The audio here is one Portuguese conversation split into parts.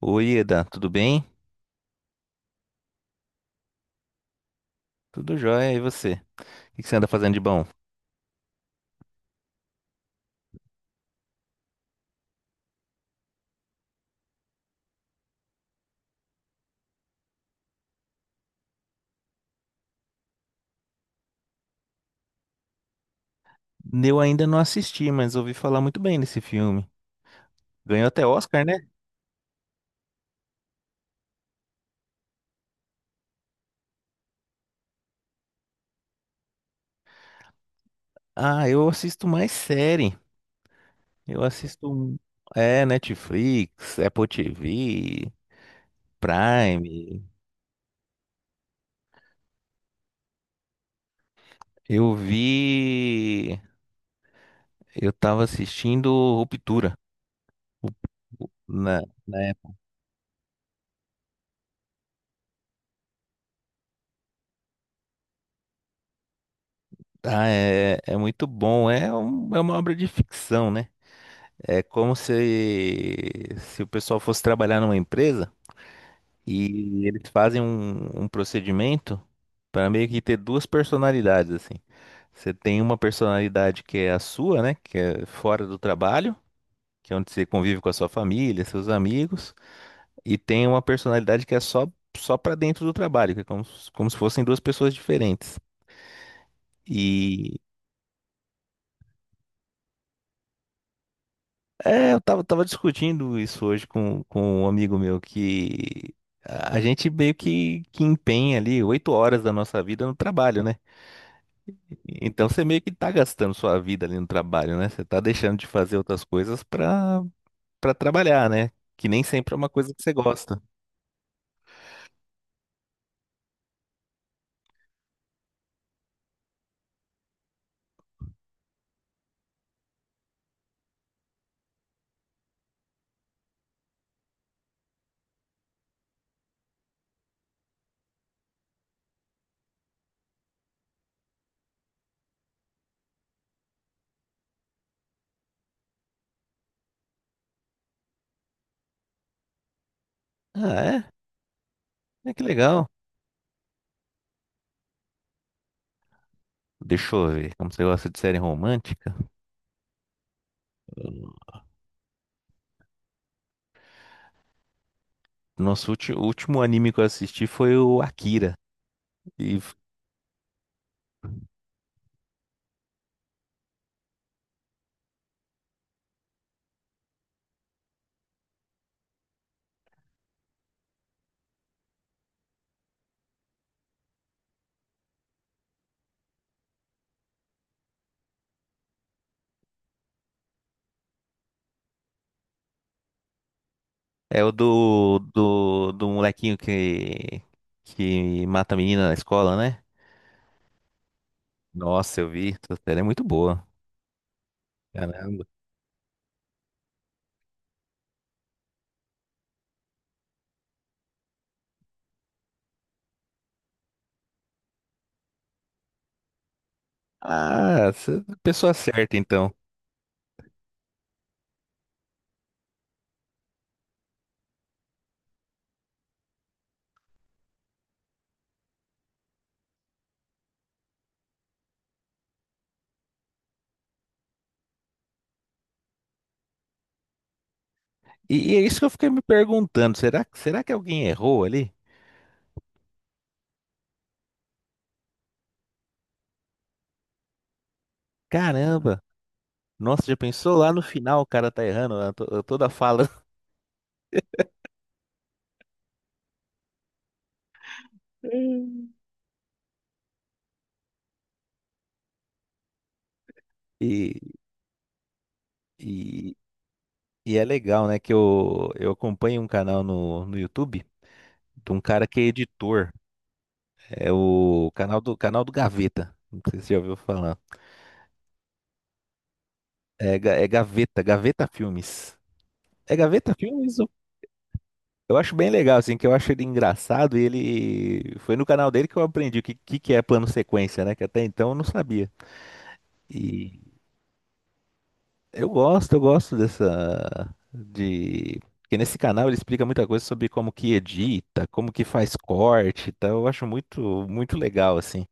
Oi, Eda, tudo bem? Tudo jóia, e você? O que que você anda fazendo de bom? Eu ainda não assisti, mas ouvi falar muito bem desse filme. Ganhou até Oscar, né? Ah, eu assisto mais série. Eu assisto, é, Netflix, Apple TV, Prime. Eu vi, eu tava assistindo Ruptura na, na época. Ah, é, é muito bom. É, é uma obra de ficção, né? É como se o pessoal fosse trabalhar numa empresa. E eles fazem um procedimento para meio que ter duas personalidades, assim. Você tem uma personalidade que é a sua, né? Que é fora do trabalho, que é onde você convive com a sua família, seus amigos, e tem uma personalidade que é só para dentro do trabalho, que é como, como se fossem duas pessoas diferentes. E é, eu tava discutindo isso hoje com um amigo meu que a gente meio que empenha ali 8 horas da nossa vida no trabalho, né? Então você meio que tá gastando sua vida ali no trabalho, né? Você tá deixando de fazer outras coisas pra trabalhar, né? Que nem sempre é uma coisa que você gosta. Ah, é? É que legal. Deixa eu ver, como você gosta de série romântica? O último anime que eu assisti foi o Akira. E f- É o do molequinho que mata a menina na escola, né? Nossa, eu vi. Essa série é muito boa. Caramba. Ah, pessoa certa, então. E é isso que eu fiquei me perguntando. Será que alguém errou ali? Caramba. Nossa, já pensou lá no final o cara tá errando a toda a fala? Hum. E, e, e é legal, né? Que eu acompanho um canal no YouTube de um cara que é editor. É o canal do Gaveta. Não sei se você já ouviu falar. É, é Gaveta, Gaveta Filmes. É Gaveta Filmes? Eu acho bem legal, assim, que eu acho ele engraçado e ele... Foi no canal dele que eu aprendi o que que é plano sequência, né? Que até então eu não sabia. E eu gosto dessa... De... Porque nesse canal ele explica muita coisa sobre como que edita, como que faz corte e tal. Eu acho muito, muito legal, assim.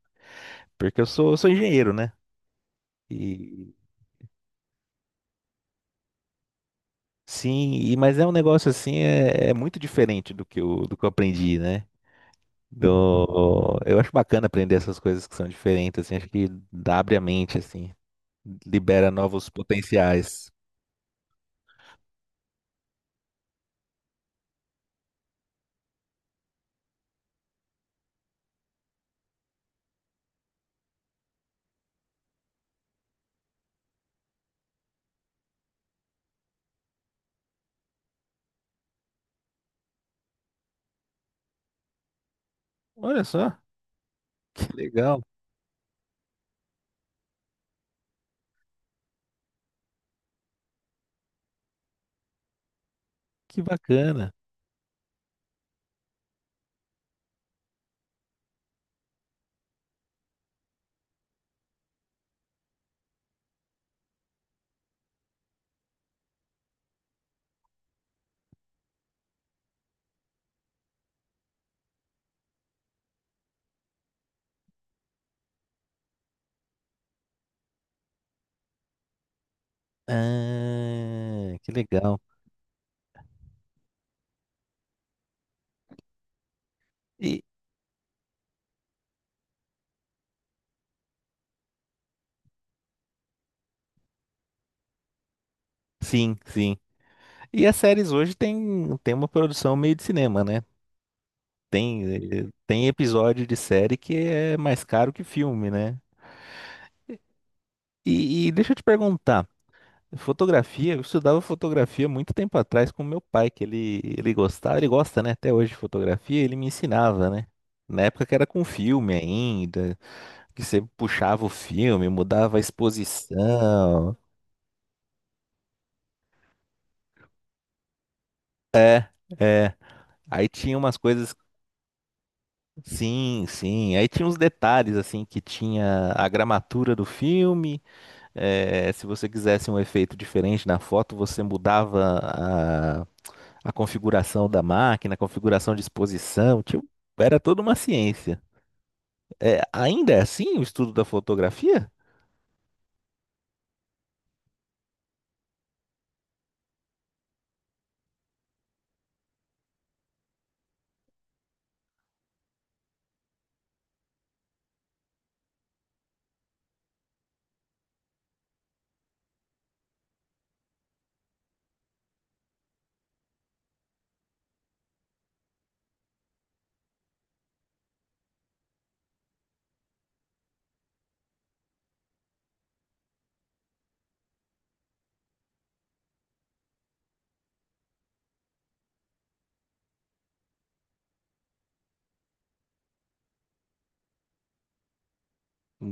Porque eu sou engenheiro, né? Sim, mas é um negócio assim, é muito diferente do que eu aprendi, né? Eu acho bacana aprender essas coisas que são diferentes, assim, acho que abre a mente, assim, libera novos potenciais. Olha só, que legal, que bacana. Ah, que legal. E sim, sim. E as séries hoje tem uma produção meio de cinema, né? Tem, tem episódio de série que é mais caro que filme, né? E deixa eu te perguntar. Fotografia, eu estudava fotografia muito tempo atrás com meu pai, que ele gostava, ele gosta, né, até hoje de fotografia, ele me ensinava, né? Na época que era com filme ainda, que você puxava o filme, mudava a exposição. É, aí tinha umas coisas, sim, sim, aí tinha uns detalhes assim que tinha a gramatura do filme, é, se você quisesse um efeito diferente na foto, você mudava a, a configuração da máquina, a configuração de exposição, tipo, era toda uma ciência. É, ainda é assim o estudo da fotografia?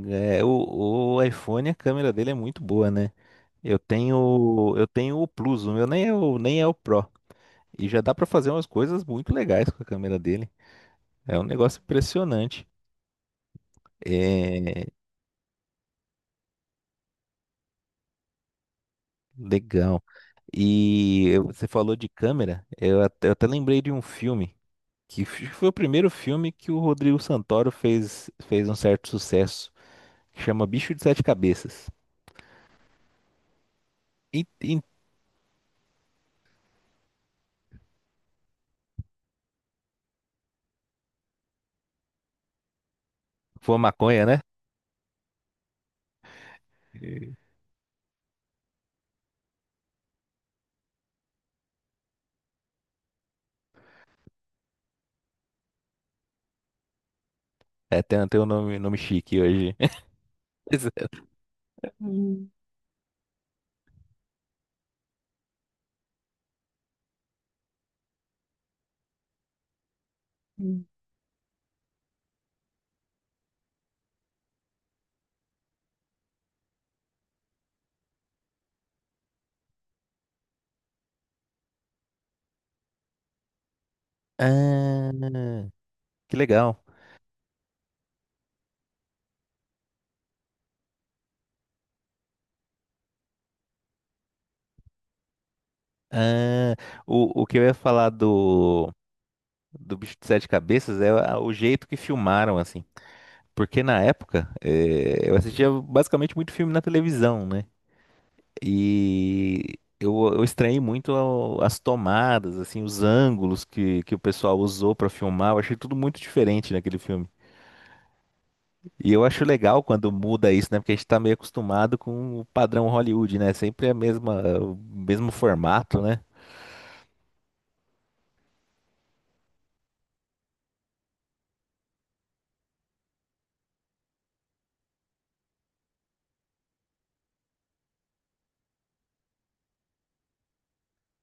É, o iPhone, a câmera dele é muito boa, né? Eu tenho o Plus, o meu nem é o Pro. E já dá pra fazer umas coisas muito legais com a câmera dele. É um negócio impressionante. É, legal. E você falou de câmera, eu até lembrei de um filme, que foi o primeiro filme que o Rodrigo Santoro fez, fez um certo sucesso, que chama Bicho de Sete Cabeças. E, e- foi maconha, né? E- É, tem um nome chique hoje. Mas- Hum, hum. Ah, que legal. Ah, o que eu ia falar do Bicho de Sete Cabeças é o jeito que filmaram, assim. Porque na época, eu assistia basicamente muito filme na televisão, né? E eu estranhei muito as tomadas, assim, os ângulos que o pessoal usou pra filmar. Eu achei tudo muito diferente naquele filme. E eu acho legal quando muda isso, né? Porque a gente tá meio acostumado com o padrão Hollywood, né? Sempre a mesma, o mesmo formato, né?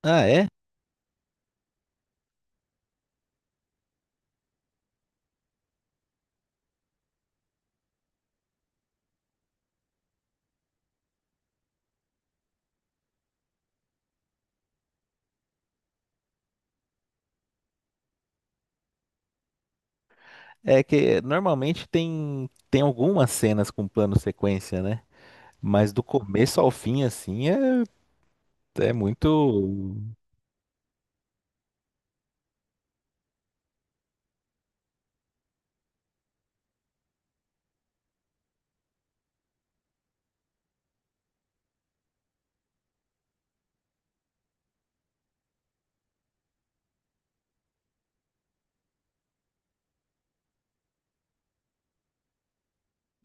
Ah, é? É que normalmente tem algumas cenas com plano sequência, né? Mas do começo ao fim, assim, é muito.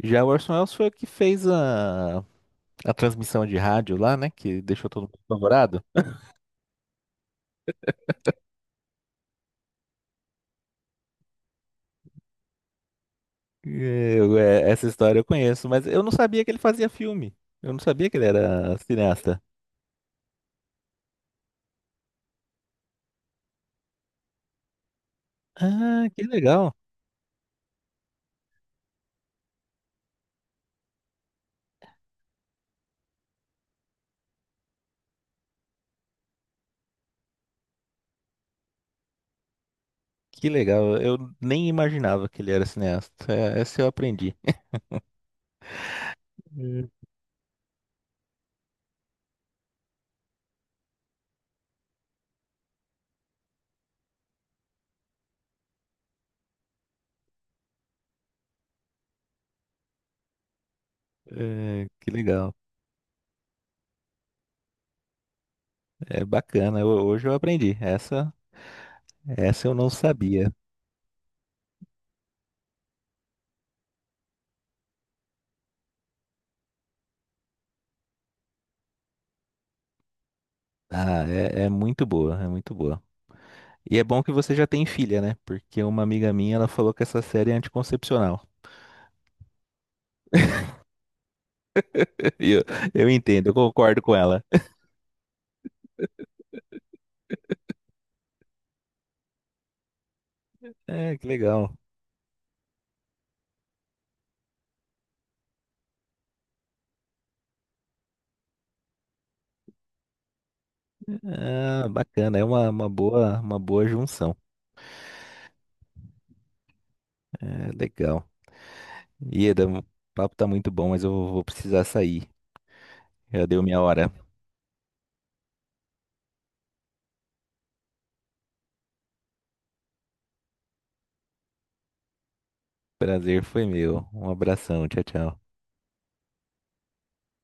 Já o Orson Welles foi o que fez a transmissão de rádio lá, né? Que deixou todo mundo apavorado. Essa história eu conheço, mas eu não sabia que ele fazia filme. Eu não sabia que ele era cineasta. Ah, que legal. Que legal. Eu nem imaginava que ele era cineasta. É, essa eu aprendi. Hum. É, que legal. É bacana. Hoje eu aprendi. Essa eu não sabia. Ah, é, é muito boa. É muito boa. E é bom que você já tem filha, né? Porque uma amiga minha, ela falou que essa série é anticoncepcional. E eu entendo, eu concordo com ela. É, que legal. Ah, bacana, é uma boa junção. É, legal. Ieda, o papo tá muito bom, mas eu vou precisar sair. Já deu minha hora. Prazer foi meu. Um abração, tchau, tchau.